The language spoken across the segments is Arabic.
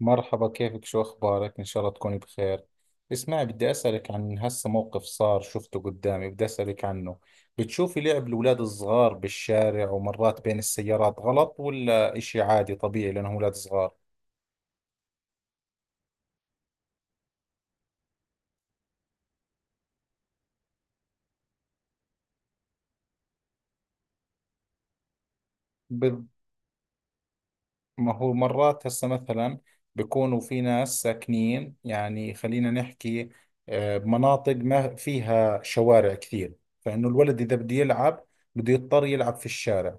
مرحبا، كيفك؟ شو أخبارك؟ إن شاء الله تكوني بخير. اسمعي، بدي أسألك عن هسه موقف صار شفته قدامي، بدي أسألك عنه. بتشوفي لعب الأولاد الصغار بالشارع ومرات بين السيارات غلط ولا إشي عادي طبيعي لأنهم أولاد صغار؟ ما هو مرات هسه مثلا بيكونوا في ناس ساكنين، يعني خلينا نحكي، بمناطق ما فيها شوارع كثير، فإنه الولد إذا بده يلعب بده يضطر يلعب في الشارع.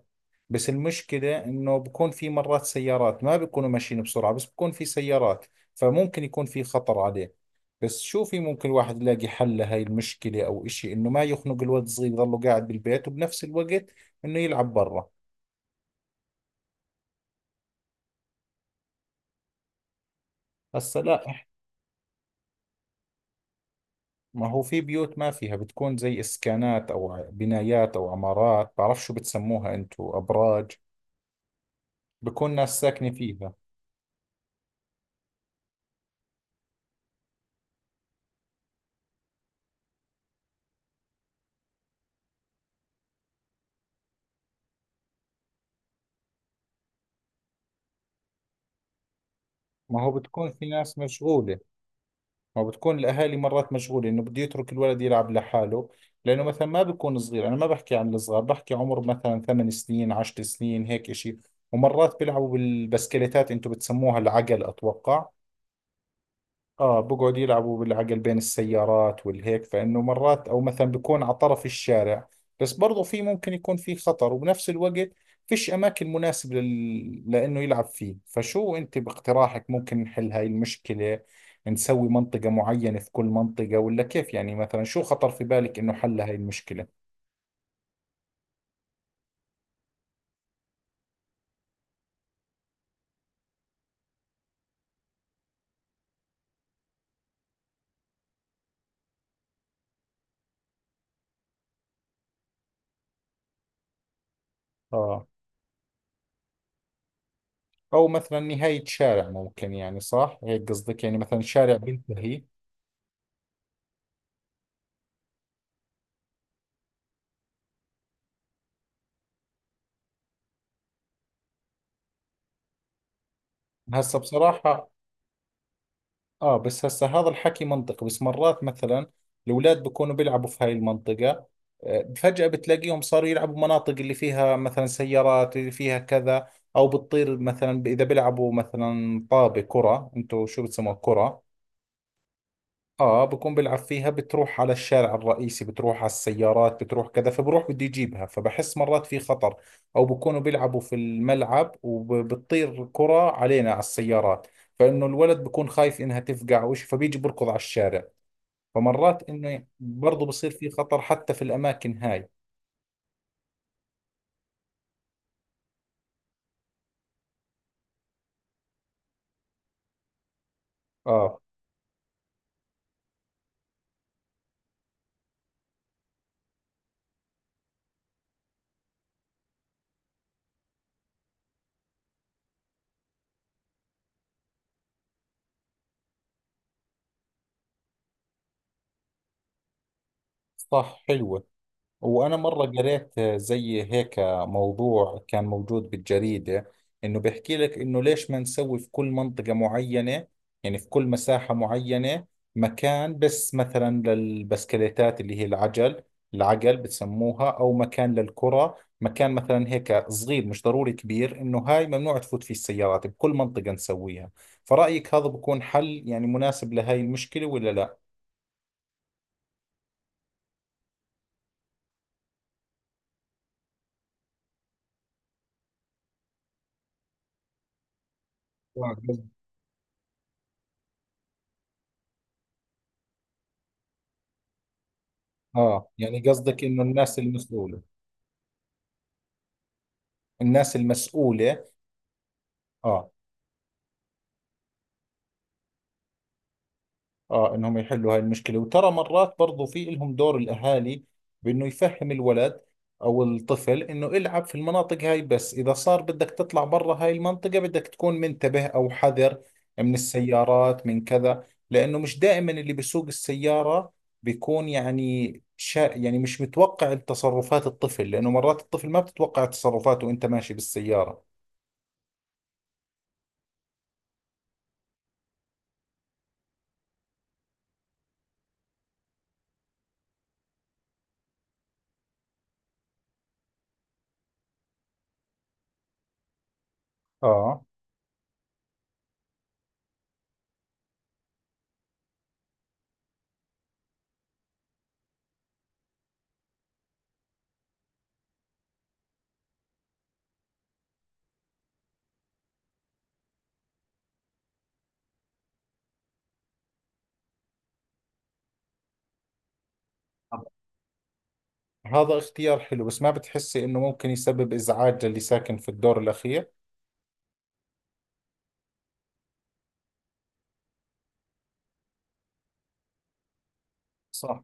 بس المشكلة إنه بكون في مرات سيارات، ما بيكونوا ماشيين بسرعة بس بكون في سيارات، فممكن يكون في خطر عليه. بس شو في ممكن الواحد يلاقي حل لهاي المشكلة أو إشي، إنه ما يخنق الولد الصغير يضله قاعد بالبيت وبنفس الوقت إنه يلعب برا؟ هسا لا، ما هو في بيوت ما فيها، بتكون زي اسكانات او بنايات او عمارات، بعرف شو بتسموها انتو، ابراج، بكون ناس ساكنة فيها. ما هو بتكون في ناس مشغولة، ما بتكون الاهالي مرات مشغولة انه بده يترك الولد يلعب لحاله، لانه مثلا ما بيكون صغير، انا ما بحكي عن الصغار، بحكي عمر مثلا ثمان سنين، عشر سنين، هيك اشي. ومرات بيلعبوا بالبسكليتات، انتو بتسموها العقل اتوقع. اه، بقعد يلعبوا بالعقل بين السيارات والهيك، فانه مرات او مثلا بيكون على طرف الشارع، بس برضو في ممكن يكون في خطر. وبنفس الوقت فيش اماكن مناسبة لانه يلعب فيه. فشو انت باقتراحك ممكن نحل هاي المشكلة؟ نسوي منطقة معينة في كل منطقة ولا كيف؟ يعني مثلا شو خطر في بالك انه حل هاي المشكلة؟ اه، او مثلا نهاية شارع، ممكن، يعني صح هيك قصدك، يعني مثلا شارع بينتهي. هسه بصراحة، اه، بس هسه هذا الحكي منطق، بس مرات مثلا الاولاد بكونوا بيلعبوا في هاي المنطقة، فجأة بتلاقيهم صاروا يلعبوا مناطق اللي فيها مثلا سيارات، اللي فيها كذا. او بتطير مثلا اذا بيلعبوا مثلا طابة، كرة، انتوا شو بتسموها، كرة. اه، بكون بلعب فيها، بتروح على الشارع الرئيسي، بتروح على السيارات، بتروح كذا، فبروح بده يجيبها، فبحس مرات في خطر. او بكونوا بيلعبوا في الملعب وبتطير كرة علينا، على السيارات، فانه الولد بكون خايف انها تفقع او شيء، فبيجي بركض على الشارع. فمرات انه برضه بصير في خطر حتى في الاماكن هاي. اه، صح، حلوة. وأنا مرة قريت زي هيك موضوع كان موجود بالجريدة، إنه بيحكي لك إنه ليش ما نسوي في كل منطقة معينة، يعني في كل مساحة معينة، مكان بس مثلا للبسكليتات اللي هي العجل، العجل بتسموها، أو مكان للكرة، مكان مثلا هيك صغير، مش ضروري كبير، إنه هاي ممنوع تفوت فيه السيارات، بكل منطقة نسويها. فرأيك هذا بكون حل يعني مناسب لهاي المشكلة ولا لا؟ آه، قصد- يعني قصدك إنه الناس المسؤولة. الناس المسؤولة. اه، اه، انهم يحلوا هاي المشكلة. وترى مرات برضو في لهم دور الاهالي، بانه يفهم الولد او الطفل انه العب في المناطق هاي، بس اذا صار بدك تطلع برا هاي المنطقة بدك تكون منتبه او حذر من السيارات، من كذا، لانه مش دائما اللي بيسوق السيارة بيكون، يعني شا، يعني مش متوقع تصرفات الطفل، لانه مرات الطفل ما بتتوقع تصرفاته وانت ماشي بالسيارة. اه، هذا اختيار حلو، بس ما بتحسي انه ممكن يسبب ازعاج للي ساكن في الدور الاخير؟ صح،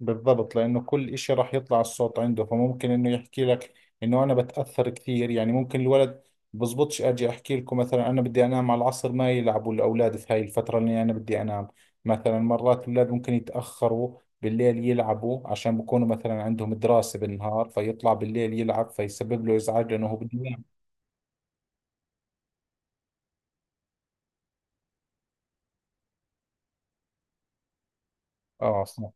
بالضبط، لانه كل اشي راح يطلع الصوت عنده، فممكن انه يحكي لك انه انا بتاثر كثير، يعني ممكن الولد بزبطش اجي احكي لكم مثلا انا بدي انام على العصر، ما يلعبوا الاولاد في هاي الفتره اللي انا بدي انام مثلا. مرات الاولاد ممكن يتاخروا بالليل يلعبوا عشان بكونوا مثلا عندهم دراسه بالنهار، فيطلع بالليل يلعب فيسبب له ازعاج، لانه هو بده ينام. اه، صح.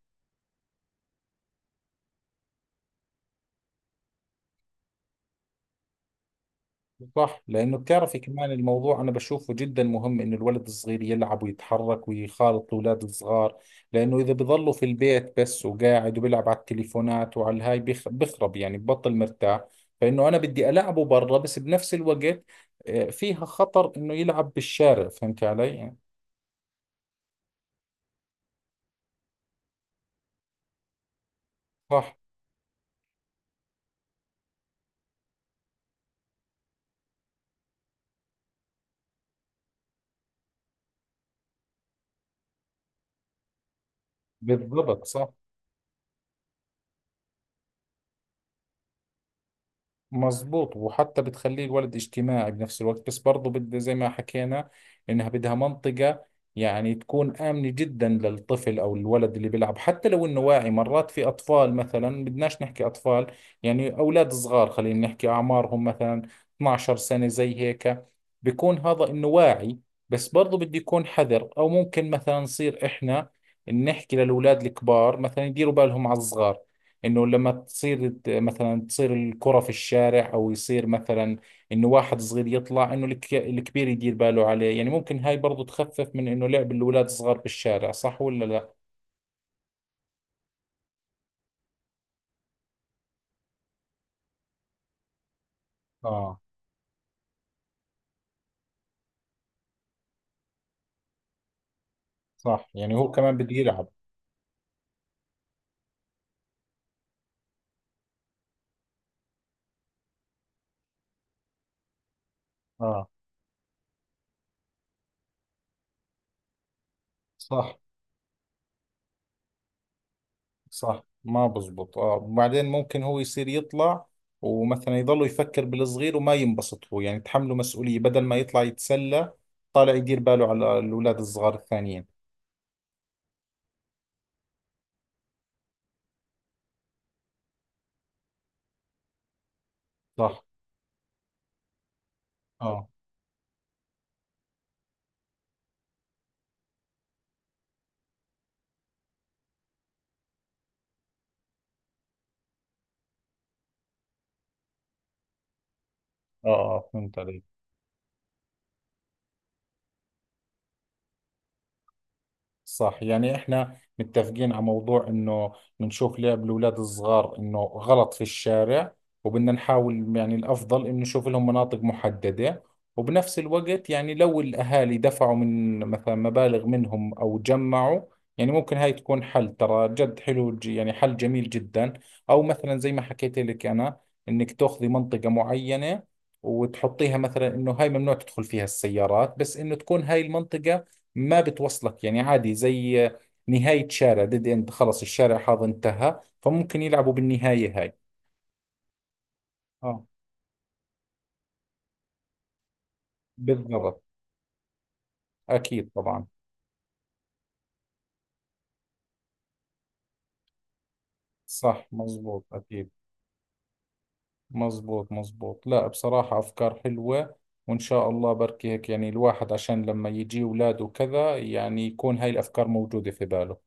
صح، لأنه بتعرفي كمان الموضوع أنا بشوفه جدا مهم، إنه الولد الصغير يلعب ويتحرك ويخالط الأولاد الصغار، لأنه إذا بضلوا في البيت بس وقاعد وبيلعب على التليفونات وعلى الهاي بخرب يعني، ببطل مرتاح. فإنه أنا بدي ألعبه برا، بس بنفس الوقت فيها خطر إنه يلعب بالشارع، فهمت علي؟ صح، بالضبط، صح، مظبوط. وحتى بتخليه الولد اجتماعي بنفس الوقت، بس برضو بد زي ما حكينا، انها بدها منطقة يعني تكون آمنة جدا للطفل او الولد اللي بيلعب. حتى لو انه واعي مرات، في اطفال مثلا، بدناش نحكي اطفال، يعني اولاد صغار، خلينا نحكي اعمارهم مثلا 12 سنة زي هيك، بيكون هذا انه واعي، بس برضو بده يكون حذر. او ممكن مثلا نصير احنا نحكي للاولاد الكبار مثلا يديروا بالهم على الصغار، انه لما مثلا تصير الكرة في الشارع، او يصير مثلا انه واحد صغير يطلع، انه الكبير يدير باله عليه. يعني ممكن هاي برضو تخفف من انه لعب الاولاد الصغار بالشارع، صح ولا لا؟ اه، صح، يعني هو كمان بده يلعب. اه، صح، صح، ما بزبط. اه، وبعدين ممكن هو يصير يطلع ومثلا يضل يفكر بالصغير وما ينبسط هو، يعني تحمله مسؤولية بدل ما يطلع يتسلى، طالع يدير باله على الاولاد الصغار الثانيين. صح. اه، اه، اه، فهمت عليك. صح، يعني احنا متفقين على موضوع انه بنشوف لعب الاولاد الصغار انه غلط في الشارع، وبدنا نحاول يعني الافضل انه نشوف لهم مناطق محددة. وبنفس الوقت يعني لو الاهالي دفعوا من مثلا مبالغ منهم او جمعوا، يعني ممكن هاي تكون حل، ترى جد حلو، يعني حل جميل جدا. او مثلا زي ما حكيت لك انا، انك تاخذي منطقة معينة وتحطيها مثلا انه هاي ممنوع تدخل فيها السيارات، بس انه تكون هاي المنطقة ما بتوصلك، يعني عادي زي نهاية شارع، ديد اند، خلص الشارع هذا انتهى، فممكن يلعبوا بالنهاية هاي. اه، بالضبط، أكيد طبعا. صح، مزبوط، أكيد، مزبوط، مزبوط. لا بصراحة أفكار حلوة، وإن شاء الله بركي هيك، يعني الواحد عشان لما يجي أولاده وكذا، يعني يكون هاي الأفكار موجودة في باله.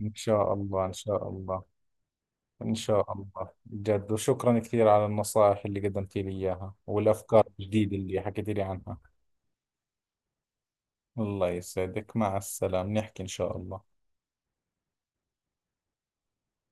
إن شاء الله، إن شاء الله. إن شاء الله جد، وشكرا كثير على النصائح اللي قدمتي لي إياها والأفكار الجديدة اللي حكيتي لي عنها. الله يسعدك، مع السلامة، نحكي إن شاء الله.